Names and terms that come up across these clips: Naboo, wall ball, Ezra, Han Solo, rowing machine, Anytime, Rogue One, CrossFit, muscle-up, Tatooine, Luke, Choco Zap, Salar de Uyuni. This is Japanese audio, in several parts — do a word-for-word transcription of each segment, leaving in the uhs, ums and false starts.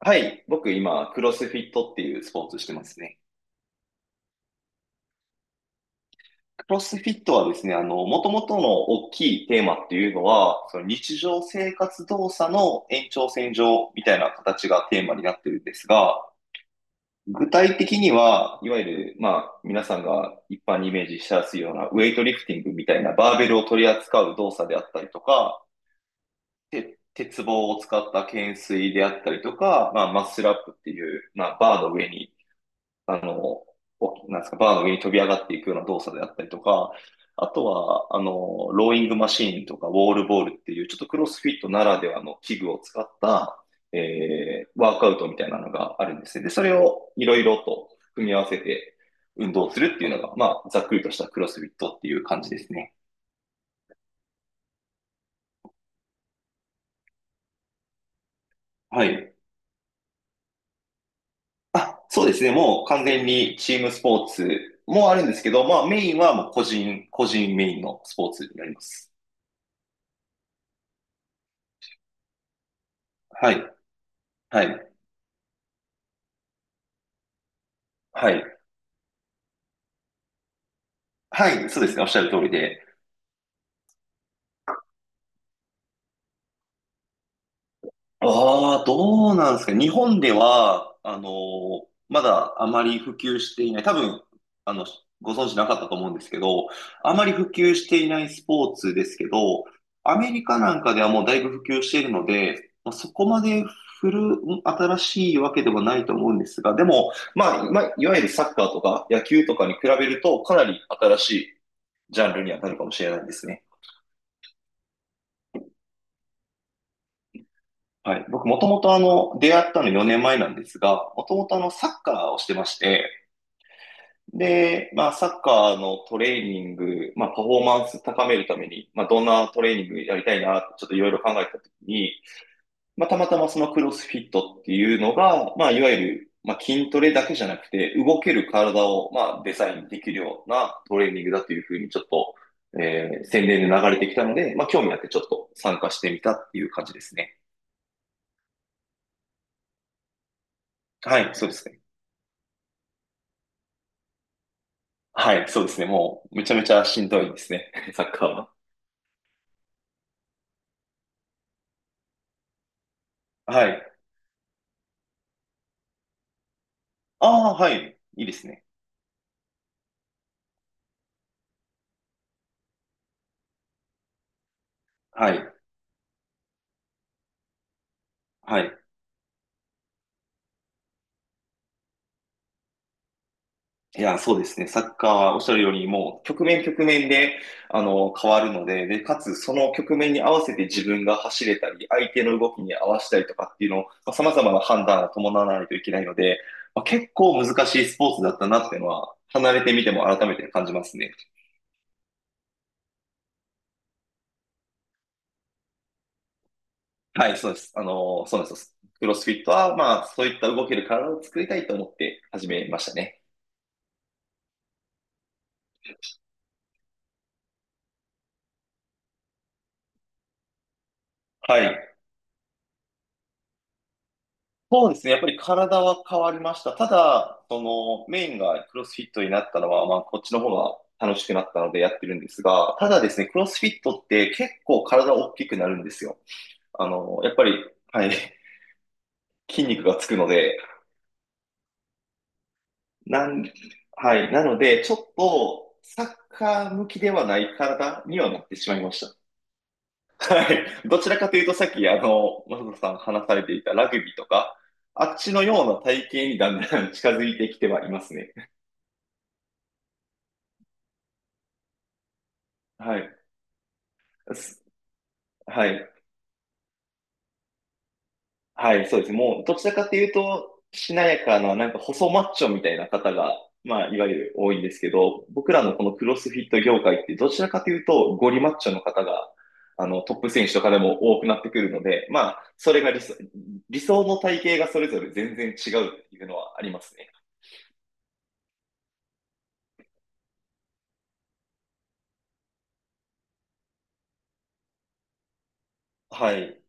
はい。僕今、クロスフィットっていうスポーツしてますね。クロスフィットはですね、あの、もともとの大きいテーマっていうのは、その日常生活動作の延長線上みたいな形がテーマになってるんですが、具体的には、いわゆる、まあ、皆さんが一般にイメージしやすいようなウェイトリフティングみたいなバーベルを取り扱う動作であったりとか、て鉄棒を使った懸垂であったりとか、まあ、マッスルアップっていう、まあ、バーの上にあの、おなんですか、バーの上に飛び上がっていくような動作であったりとか、あとは、あの、ローイングマシーンとか、ウォールボールっていう、ちょっとクロスフィットならではの器具を使った、えー、ワークアウトみたいなのがあるんですね。で、それをいろいろと組み合わせて運動するっていうのが、まあ、ざっくりとしたクロスフィットっていう感じですね。はい。あ、そうですね。もう完全にチームスポーツもあるんですけど、まあ、メインはもう個人、個人メインのスポーツになります。はい。はい。はい。はい、そうですね。おっしゃる通りで。ああ、どうなんですか。日本では、あのーまだあまり普及していない。多分、あの、ご存知なかったと思うんですけど、あまり普及していないスポーツですけど、アメリカなんかではもうだいぶ普及しているので、まあ、そこまで古、ん新しいわけではないと思うんですが、でも、まあ、まあ、いわゆるサッカーとか野球とかに比べると、かなり新しいジャンルにはなるかもしれないですね。はい。僕、もともとあの、出会ったのよねんまえなんですが、もともとあの、サッカーをしてまして、で、まあ、サッカーのトレーニング、まあ、パフォーマンス高めるために、まあ、どんなトレーニングやりたいな、ちょっといろいろ考えたときに、まあ、たまたまそのクロスフィットっていうのが、まあ、いわゆる、まあ、筋トレだけじゃなくて、動ける体を、まあ、デザインできるようなトレーニングだというふうに、ちょっと、えー、宣伝で流れてきたので、まあ、興味あってちょっと参加してみたっていう感じですね。はい、そうですね。はい、そうですね。もう、めちゃめちゃしんどいですね。サッカーは。はい。ああ、はい。いいですね。はい。はい。いや、そうですね。サッカーはおっしゃるように、もう、局面局面で、あの、変わるので、で、かつ、その局面に合わせて自分が走れたり、相手の動きに合わせたりとかっていうのを、まあ、様々な判断を伴わないといけないので、まあ、結構難しいスポーツだったなっていうのは、離れてみても改めて感じますね。はい、そうです。あの、そうなんです。クロスフィットは、まあ、そういった動ける体を作りたいと思って始めましたね。はい。そうですね。やっぱり体は変わりました。ただ、その、メインがクロスフィットになったのは、まあ、こっちの方が楽しくなったのでやってるんですが、ただですね、クロスフィットって結構体大きくなるんですよ。あの、やっぱり、はい、筋肉がつくので、なん、はい。なので、ちょっと、サッカー向きではない体にはなってしまいました。はい。どちらかというと、さっき、あの、マサトさん話されていたラグビーとか、あっちのような体型にだんだん 近づいてきてはいますね。はい。すはい。はい、そうです。もう、どちらかというと、しなやかな、なんか細マッチョみたいな方が、まあ、いわゆる多いんですけど、僕らのこのクロスフィット業界って、どちらかというと、ゴリマッチョの方が、あの、トップ選手とかでも多くなってくるので、まあ、それが理想、理想の体型がそれぞれ全然違うっていうのはありますね。はい。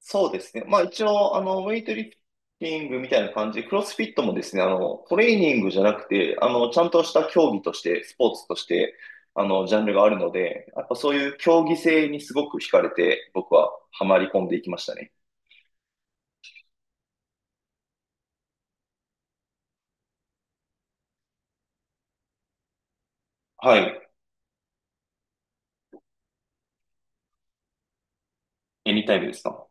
そうですね。まあ一応、あの、ウェイトリフティングみたいな感じで、クロスフィットもですね、あの、トレーニングじゃなくて、あの、ちゃんとした競技として、スポーツとして、あの、ジャンルがあるので、やっぱそういう競技性にすごく惹かれて、僕はハマり込んでいきましたね。はい。エニタイムですか？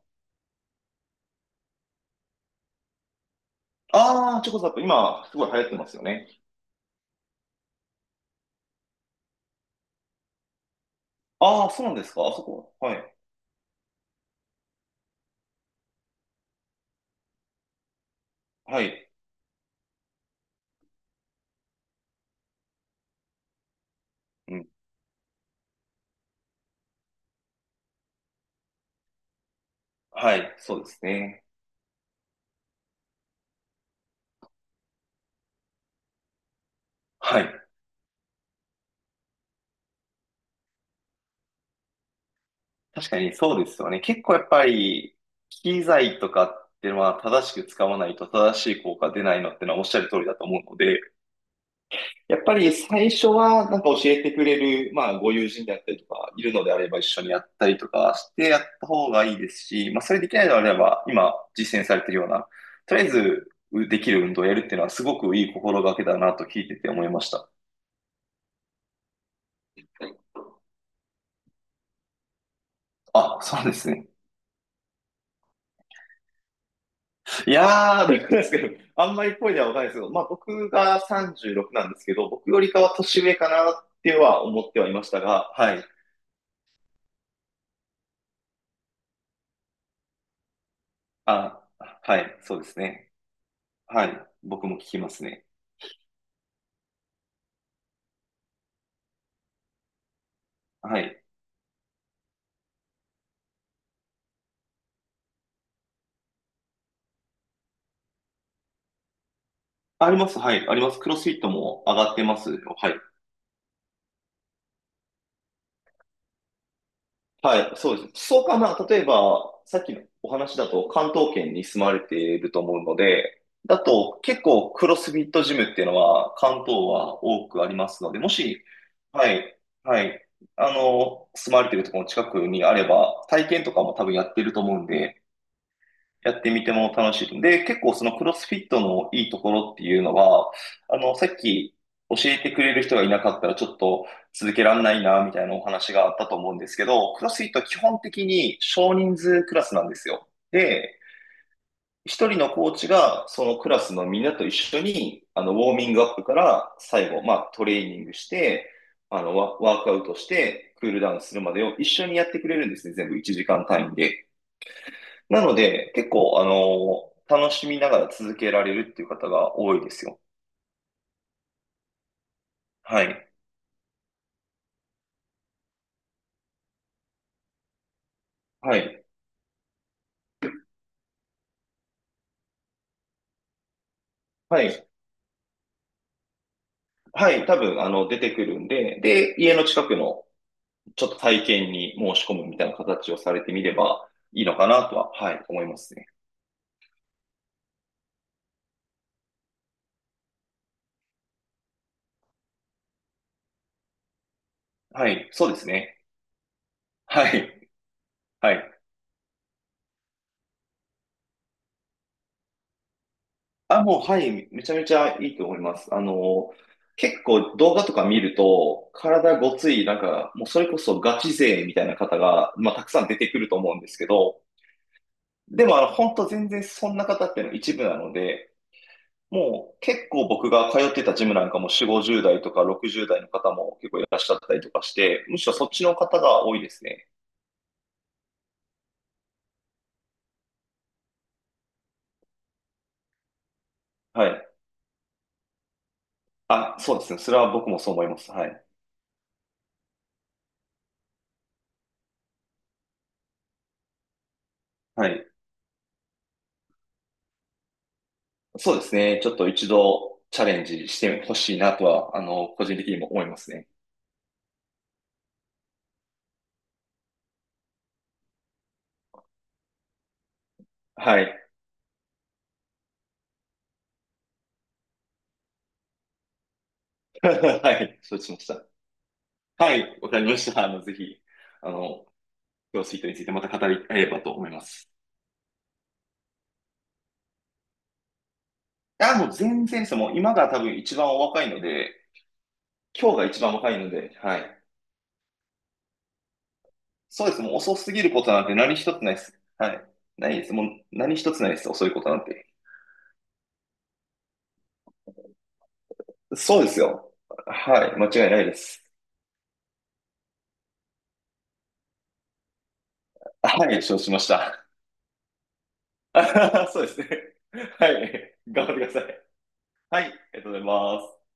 ああー、チョコザップ、今、すごい流行ってますよね。ああ、そうなんですかあそこ。はい。はい。うん。はい。そうですね。はい。確かにそうですよね。結構やっぱり、機材とかっていうのは正しく使わないと正しい効果出ないのってのはおっしゃる通りだと思うので、やっぱり最初はなんか教えてくれる、まあご友人であったりとか、いるのであれば一緒にやったりとかしてやった方がいいですし、まあそれできないのであれば、今実践されているような、とりあえずできる運動をやるっていうのはすごくいい心がけだなと聞いてて思いました。あ、そうですね。いやー、どうなですけど、あんまりっぽいではわかんないですけど、まあ僕がさんじゅうろくなんですけど、僕よりかは年上かなっては思ってはいましたが、はい。あ、はい、そうですね。はい。僕も聞きますね。はい。あります、はい、あります。クロスフィットも上がってますよ。はい。はい、そうです。そうかな。例えば、さっきのお話だと関東圏に住まれていると思うので、だと結構クロスフィットジムっていうのは関東は多くありますので、もし、はい、はい、あの、住まれているところの近くにあれば、体験とかも多分やってると思うんで、やってみても楽しい。で、結構そのクロスフィットのいいところっていうのは、あの、さっき教えてくれる人がいなかったらちょっと続けられないな、みたいなお話があったと思うんですけど、クロスフィットは基本的に少人数クラスなんですよ。で、一人のコーチがそのクラスのみんなと一緒に、あの、ウォーミングアップから最後、まあトレーニングして、あの、ワワークアウトして、クールダウンするまでを一緒にやってくれるんですね。全部いちじかん単位で。なので、結構、あの、楽しみながら続けられるっていう方が多いですよ。はい。はい。はい。はい。多分、あの、出てくるんで、で、家の近くのちょっと体験に申し込むみたいな形をされてみればいいのかなとは、はい、思いますね。はい。そうですね。はい。はい。あ、もう、はい。めちゃめちゃいいと思います。あの、結構動画とか見ると、体ごつい、なんか、もうそれこそガチ勢みたいな方が、まあ、たくさん出てくると思うんですけど、でも、あの、本当全然そんな方っていうのは一部なので、もう結構僕が通ってたジムなんかもよん、ごじゅう代とかろくじゅう代の方も結構いらっしゃったりとかして、むしろそっちの方が多いですね。はい。あ、そうですね。それは僕もそう思います。はい。はい。そうですね。ちょっと一度チャレンジしてほしいなとは、あの、個人的にも思いますね。はい。はい。承知しました。はい。わかりました。あの、ぜひ、あの、今日スイートについてまた語り合えればと思います。あ、もう全然です。もう今が多分一番お若いので、今日が一番若いので、はい。そうです。もう遅すぎることなんて何一つないです。はい。ないです。もう何一つないです。遅いことなんて。そうですよ。はい。間違いないです。はい。承知しました。そうですね。はい。頑張ってください。はい。ありがとうございます。